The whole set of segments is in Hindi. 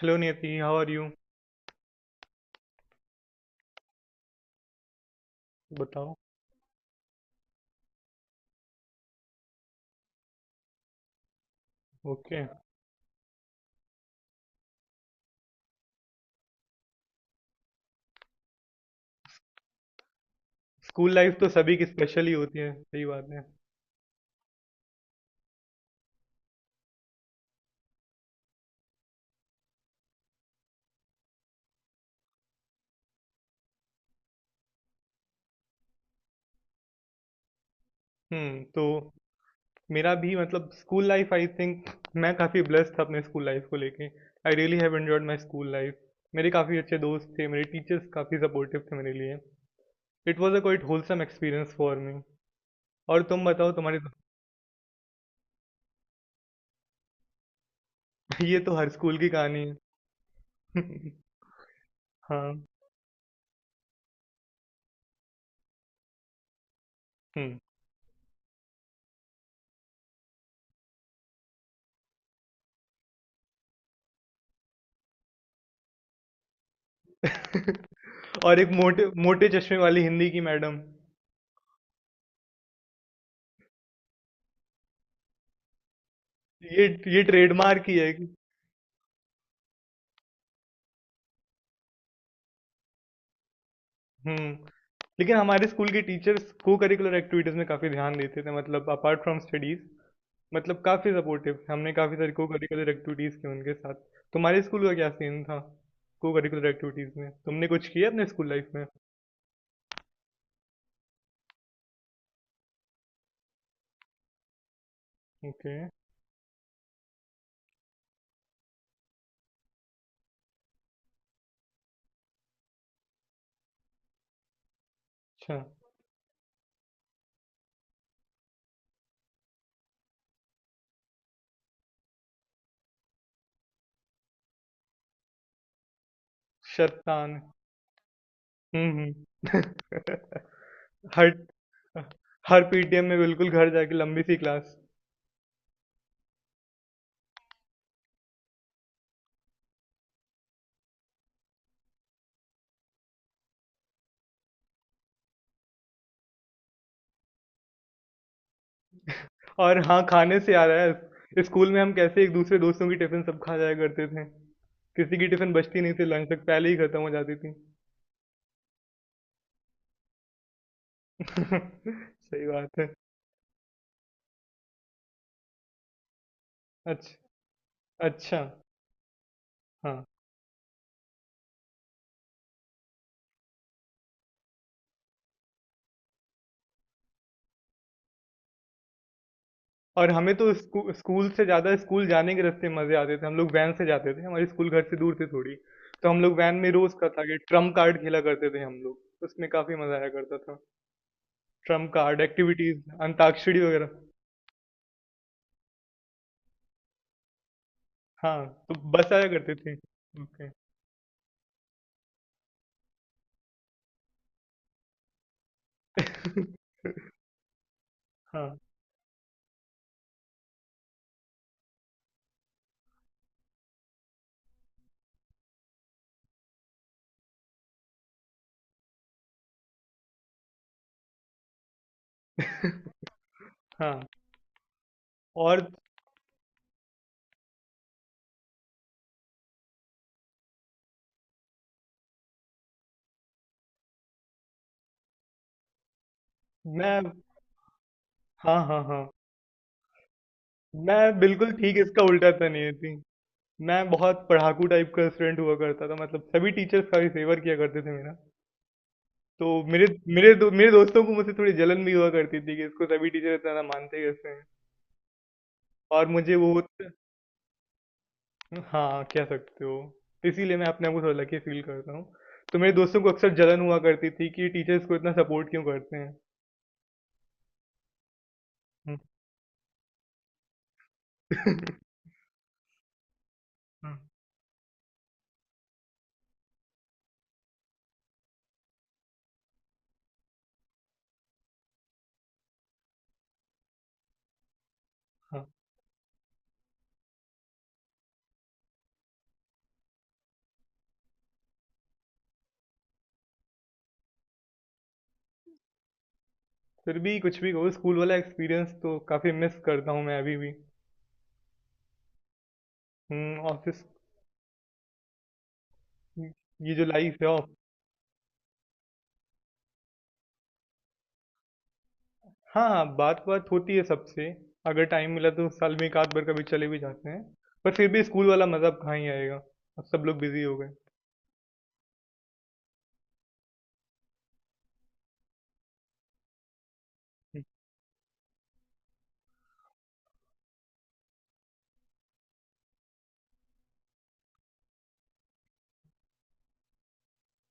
Hello Niyati, how are you. बताओ। ओके। स्कूल लाइफ तो सभी की स्पेशल ही होती है, सही बात है। हम्म तो मेरा भी, मतलब, स्कूल लाइफ आई थिंक मैं काफ़ी ब्लेस्ड था अपने स्कूल लाइफ को लेके। I really have enjoyed my school life. मेरे काफ़ी अच्छे दोस्त थे, मेरे टीचर्स काफ़ी सपोर्टिव थे मेरे लिए। It was a quite wholesome experience for me. और तुम बताओ, तुम्हारी। ये तो हर स्कूल की कहानी है। हाँ। हम्म। और एक मोटे मोटे चश्मे वाली हिंदी की मैडम। ये ये ट्रेडमार्क ही है। हम्म। लेकिन हमारे स्कूल के टीचर्स को करिकुलर एक्टिविटीज में काफी ध्यान देते थे, मतलब अपार्ट फ्रॉम स्टडीज। मतलब काफी सपोर्टिव थे, हमने काफी सारी को करिकुलर एक्टिविटीज की उनके साथ। तुम्हारे स्कूल का क्या सीन था? को करिकुलर एक्टिविटीज में तुमने कुछ किया अपने स्कूल लाइफ में? ओके। अच्छा। शैतान। हम्म। हर हर पीटीएम में बिल्कुल घर जाके लंबी सी क्लास। और हाँ, खाने से याद आया, स्कूल में हम कैसे एक दूसरे दोस्तों की टिफिन सब खा जाया करते थे। किसी की टिफिन बचती नहीं थी, लंच तक पहले ही खत्म हो जाती थी। सही बात है। अच्छा। अच्छा। हाँ। और हमें तो स्कूल से ज्यादा स्कूल जाने के रास्ते मजे आते थे। हम लोग वैन से जाते थे, हमारे स्कूल घर से दूर थे थोड़ी। तो हम लोग वैन में रोज का टारगेट ट्रम्प कार्ड खेला करते थे, हम लोग उसमें काफी मजा आया करता था। ट्रम्प कार्ड एक्टिविटीज, अंताक्षरी वगैरह। हाँ, तो बस आया करते थे। ओके। हाँ हाँ। और मैं। हाँ हाँ हाँ। मैं बिल्कुल ठीक इसका उल्टा था, नहीं थी। मैं बहुत पढ़ाकू टाइप का स्टूडेंट हुआ करता था, मतलब सभी टीचर्स काफी फेवर किया करते थे मेरा। तो मेरे मेरे दो, मेरे दोस्तों को मुझसे थोड़ी जलन भी हुआ करती थी कि इसको सभी टीचर इतना ना मानते कैसे हैं। और मुझे वो। हाँ, कह सकते हो। तो इसीलिए मैं अपने आप को थोड़ा लकी फील करता हूँ। तो मेरे दोस्तों को अक्सर जलन हुआ करती थी कि टीचर्स को इतना सपोर्ट क्यों करते हैं। हम्म। हाँ। फिर भी कुछ भी कहो, स्कूल वाला एक्सपीरियंस तो काफी मिस करता हूँ मैं अभी भी। ऑफिस। ये जो लाइफ है ऑफ। हाँ हाँ, बात बात होती है सबसे। अगर टाइम मिला तो साल में एक आध बार कभी चले भी जाते हैं। पर फिर भी स्कूल वाला मजा अब कहाँ ही आएगा। अब सब लोग बिजी हो गए।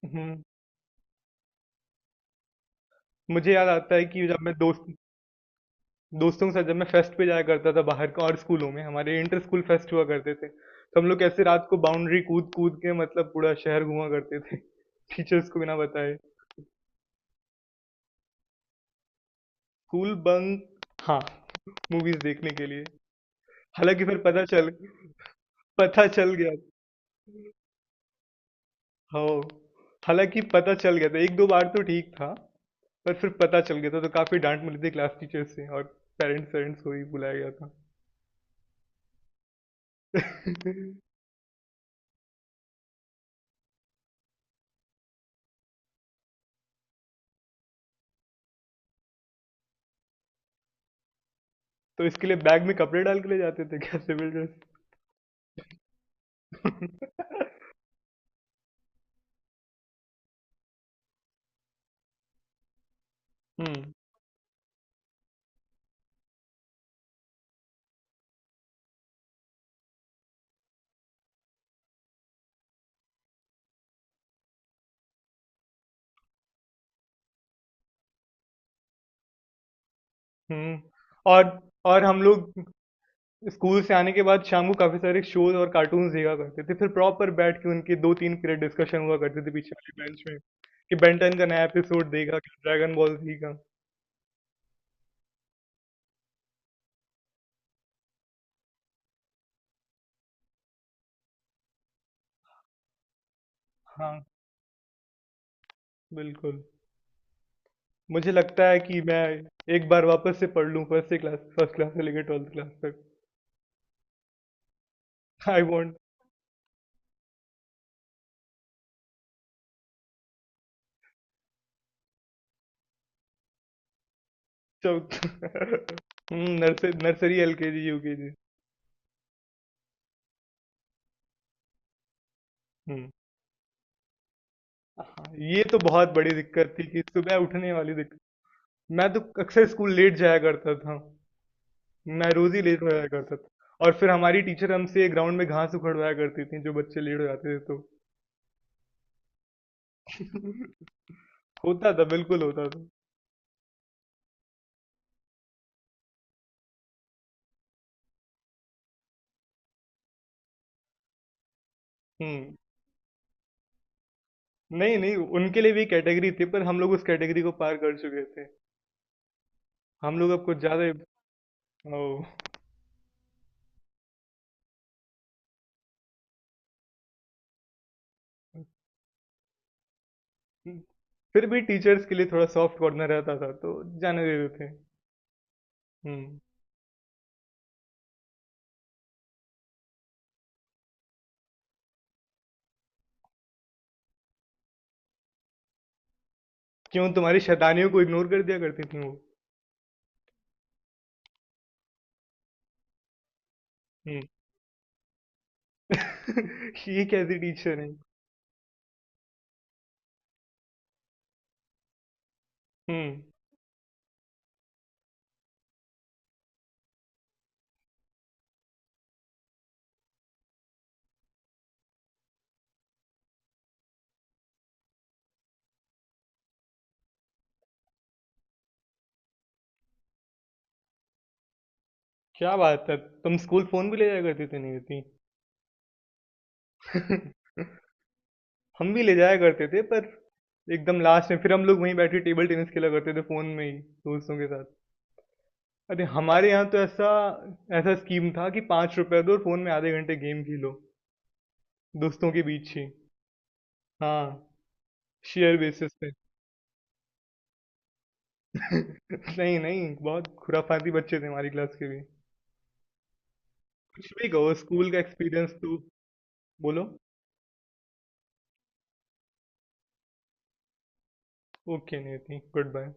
हम्म। मुझे याद आता है कि जब मैं दोस्तों के साथ जब मैं फेस्ट पे जाया करता था बाहर का। और स्कूलों में हमारे इंटर स्कूल फेस्ट हुआ करते थे, तो हम लोग कैसे रात को बाउंड्री कूद कूद के, मतलब, पूरा शहर घुमा करते थे टीचर्स को बिना बताए। School bunk? हाँ, मूवीज़ देखने के लिए। हालाँकि फिर पता चल गया। हो। हालाँकि पता चल गया था, 1-2 बार तो ठीक था, पर फिर पता चल गया था तो काफ़ी डाँट मिली थी क्लास टीचर से, और पेरेंट्स-वेरेंट्स को भी बुलाया गया था। तो इसके लिए बैग में कपड़े डाल के ले जाते थे क्या, सिविल ड्रेस? हुँ। हुँ। और और हम लोग स्कूल से आने के बाद शाम को काफ़ी सारे शोज़ और कार्टून्स देखा करते थे। फिर प्रॉपर बैठ के उनके 2-3 पीरियड डिस्कशन हुआ करते थे पीछे वाली बेंच में, कि बेन 10 का नया एपिसोड देखा, कि ड्रैगन बॉल ज़ी का। हाँ, बिल्कुल। मुझे लगता है कि मैं एक बार वापस से पढ़ लूँ, फर्स्ट क्लास से लेकर 12th क्लास तक। I want. चौथ हुँ, नर्स नर्सरी, एलकेजी, यूकेजी। हुँ। हाँ, ये तो बहुत बड़ी दिक्कत थी कि सुबह उठने वाली दिक्कत। मैं तो अक्सर स्कूल लेट जाया करता था। मैं रोज ही लेट हो जाया करता था। और फिर हमारी टीचर हमसे ग्राउंड में घास उखड़वाया करती थी जो बच्चे लेट हो जाते थे तो। होता था, बिल्कुल होता था। हम्म। नहीं नहीं, उनके लिए भी कैटेगरी थी पर हम लोग उस कैटेगरी को पार कर चुके थे। हम लोग अब कुछ ज्यादा ही- ओ, फिर भी टीचर्स के लिए थोड़ा सॉफ्ट कॉर्नर रहता था तो जाने देते थे। हम्म। क्यों, तुम्हारी शैतानियों को इग्नोर कर दिया करती थी वो? हम्म। ये कैसी टीचर है। हम्म। क्या बात है। तुम स्कूल फोन भी ले जाया करती थी, नहीं होती? हम भी ले जाया करते थे, पर एकदम लास्ट में फिर हम लोग वहीं बैठे टेबल टेनिस खेला करते थे फोन में ही, दोस्तों के साथ। अरे हमारे यहाँ तो ऐसा ऐसा स्कीम था कि 5 रुपए दो और फोन में आधे घंटे गेम खेलो, दोस्तों के बीच ही। हाँ। शेयर बेसिस पे। नहीं नहीं, बहुत खुराफाती बच्चे थे हमारी क्लास के भी। कुछ भी कहो, स्कूल का एक्सपीरियंस तो। बोलो। ओके, नहीं थी गुड बाय।